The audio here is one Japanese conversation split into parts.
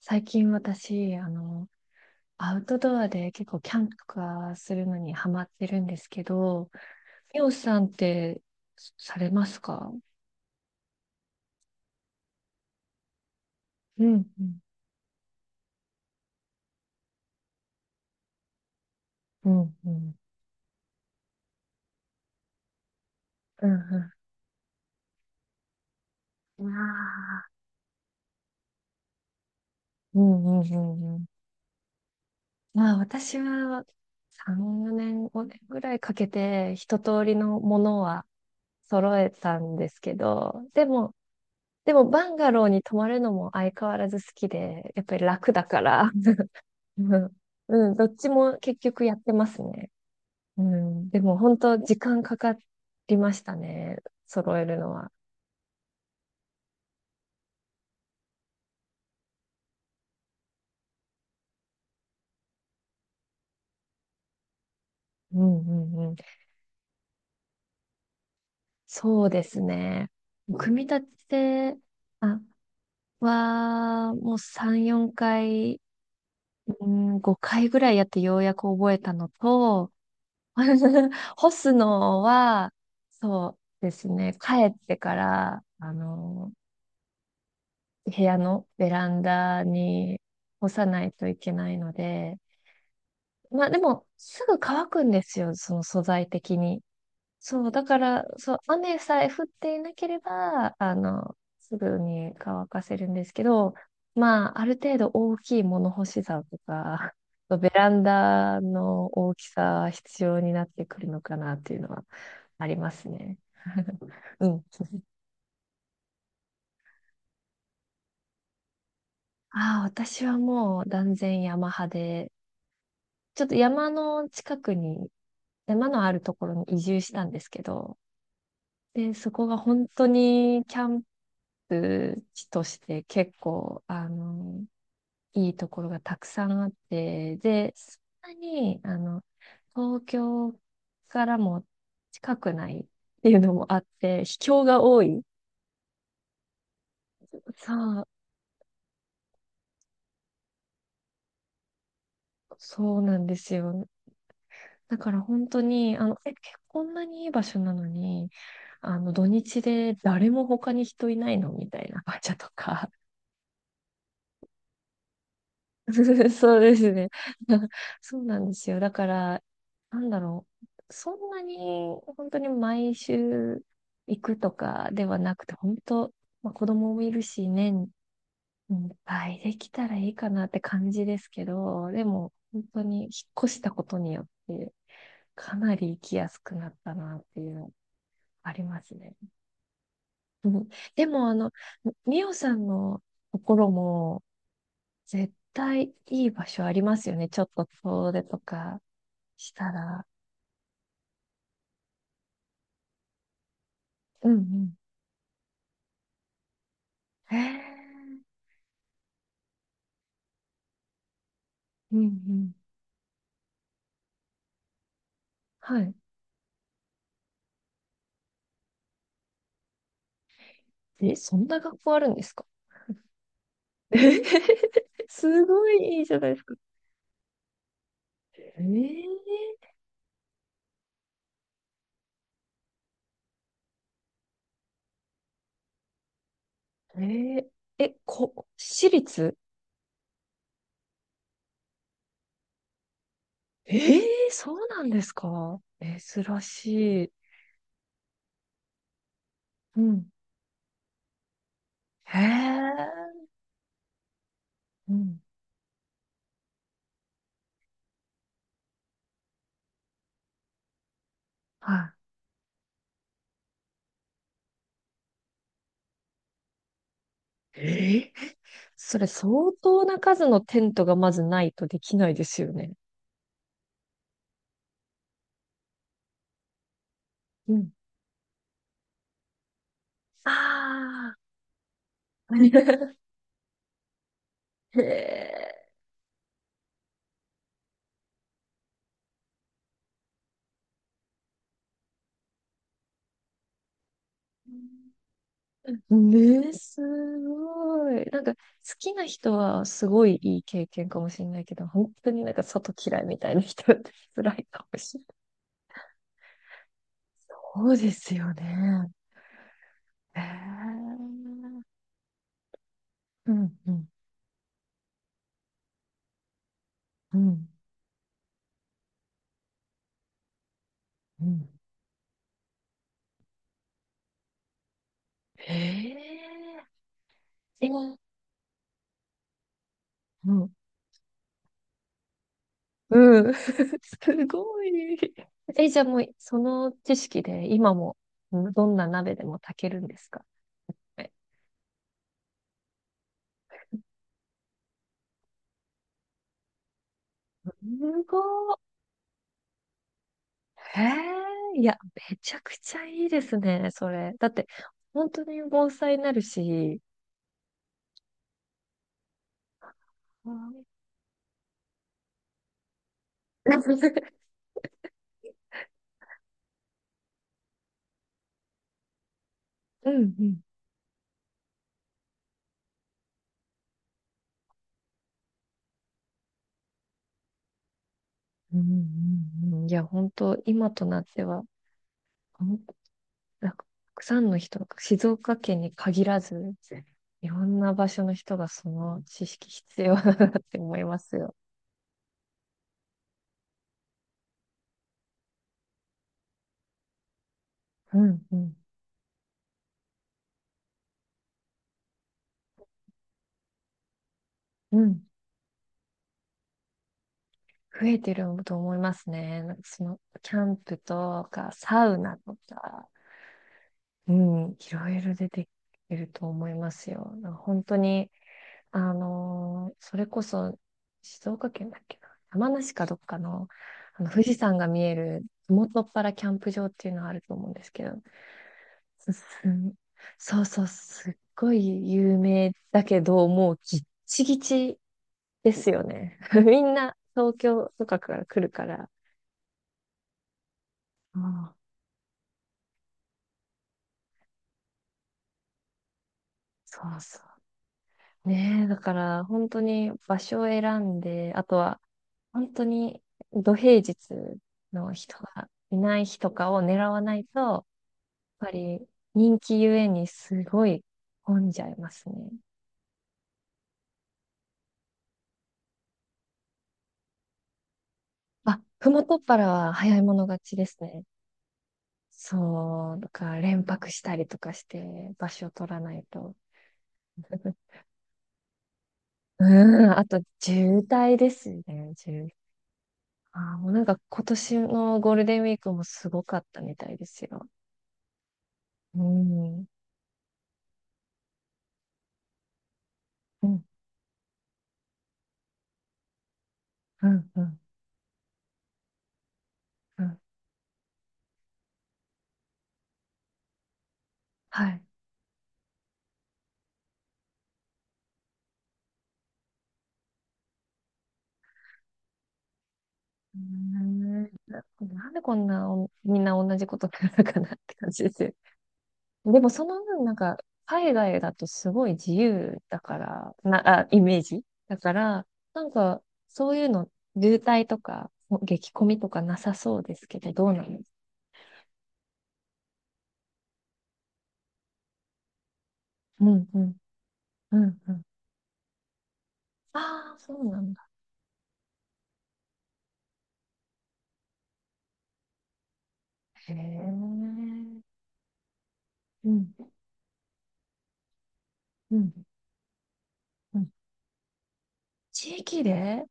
最近私、アウトドアで結構キャンプとかするのにハマってるんですけど、ミオさんってされますか？うん、うん、うん、うん、うん、うん。ああ、うん、うん、うん、うん。まあ私は3、4年、5年ぐらいかけて一通りのものは揃えたんですけど、でもバンガローに泊まるのも相変わらず好きで、やっぱり楽だから、うん、うんどっちも結局やってますね。うん、でも本当時間かかりましたね。揃えるのは。うんうんうん。そうですね。組み立てあは、もう3、4回、うん、5回ぐらいやってようやく覚えたのと、干すのは、そうですね。帰ってから、部屋のベランダに干さないといけないので、まあでも、すぐ乾くんですよ、その素材的に。そう、だから、そう、雨さえ降っていなければ、すぐに乾かせるんですけど、まあ、ある程度大きい物干し竿とか、ベランダの大きさは必要になってくるのかなっていうのはありますね。うん。ああ、私はもう断然山派で、ちょっと山の近くに、山のあるところに移住したんですけど、で、そこが本当にキャンプ地として結構、いいところがたくさんあって、で、そんなに、東京からも近くないっていうのもあって、秘境が多い。さあ、そうなんですよ。だから本当に、こんなにいい場所なのに、土日で誰も他に人いないのみたいな場所とか。そうですね。そうなんですよ。だから、なんだろう。そんなに、本当に毎週行くとかではなくて、本当、まあ、子供もいるし、年いっぱいできたらいいかなって感じですけど、でも、本当に引っ越したことによって、かなり行きやすくなったなっていうのありますね。うんでも、みおさんのところも、絶対いい場所ありますよね。ちょっと遠出とかしたら。うんうん。へえ。うんうん。はい。え、そんな学校あるんですか？えへへへ すごいいいじゃないですか。えー、えー、私立えー、そうなんですか？珍しい。うん。へえ。うん。はい。えーそれ相当な数のテントがまずないとできないですよね。うんああ。へえ。ね、すごい。なんか、好きな人はすごいいい経験かもしれないけど、本当になんか外嫌いみたいな人って辛いかもしれない。そうですよね。へえ。うん、うん、うん、うん。へえ。え、うん、うん。すごい。え、じゃあもう、その知識で今も、どんな鍋でも炊けるんですか？すごいへえ、いや、めちゃくちゃいいですね、それ。だって、本当に盆栽になるし。うん うんうん。うんうんうんいや、本当、今となっては、ほんなんかたくさんの人静岡県に限らず、いろんな場所の人がその知識必要だなって思いますよ。うんうん。うん。増えてると思いますね。なんかその、キャンプとか、サウナとか、うん、いろいろ出てきると思いますよ。なんか本当に、それこそ静岡県だっけな、山梨かどっかの、あの富士山が見える麓っ腹キャンプ場っていうのがあると思うんですけど、すすそうそう、すっごい有名だけど、もうギッチギチですよね。みんな東京とかから来るから。ああそうそうねえ、だから本当に場所を選んで、あとは本当に土平日の人がいない日とかを狙わないと、やっぱり人気ゆえにすごい混んじゃいますね。あ、ふもとっぱらは早い者勝ちですね。そう、だから連泊したりとかして場所を取らないと。うん、あと渋滞ですね、渋滞。あー、もうなんか今年のゴールデンウィークもすごかったみたいですよ。うん。うん、うん、うん、うん。はい。うーんなんでこんなおみんな同じことするかなって感じですよ。でもその分、なんか、海外だとすごい自由だから、な、あ、イメージだから、なんか、そういうの、渋滞とか、激混みとかなさそうですけど、どうなんですか？うん、うん、うん、うん。ああ、そうなんだ。へえ。うん、うん、うん。地域でへ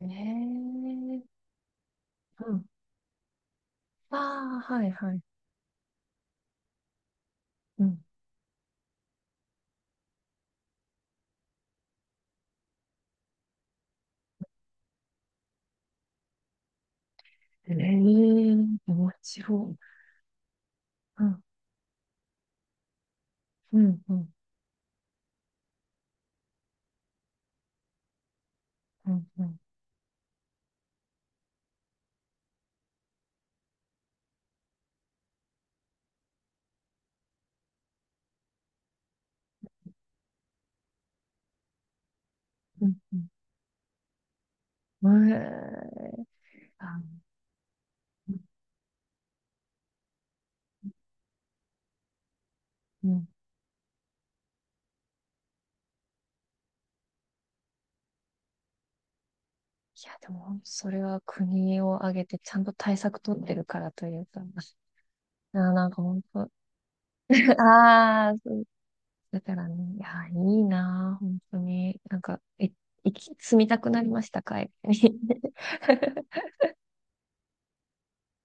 え。うん。ああ、はい、はい。うん。ええ面白い。うん、うん、うん、うん、うん、うん。うんええあ、うん、うん。いや、でも、それは国を挙げてちゃんと対策取ってるからというか、なんか本当、ああ、そうだからね、いや、いいなあ、本当に。なんか、え、行き、住みたくなりました、海外に。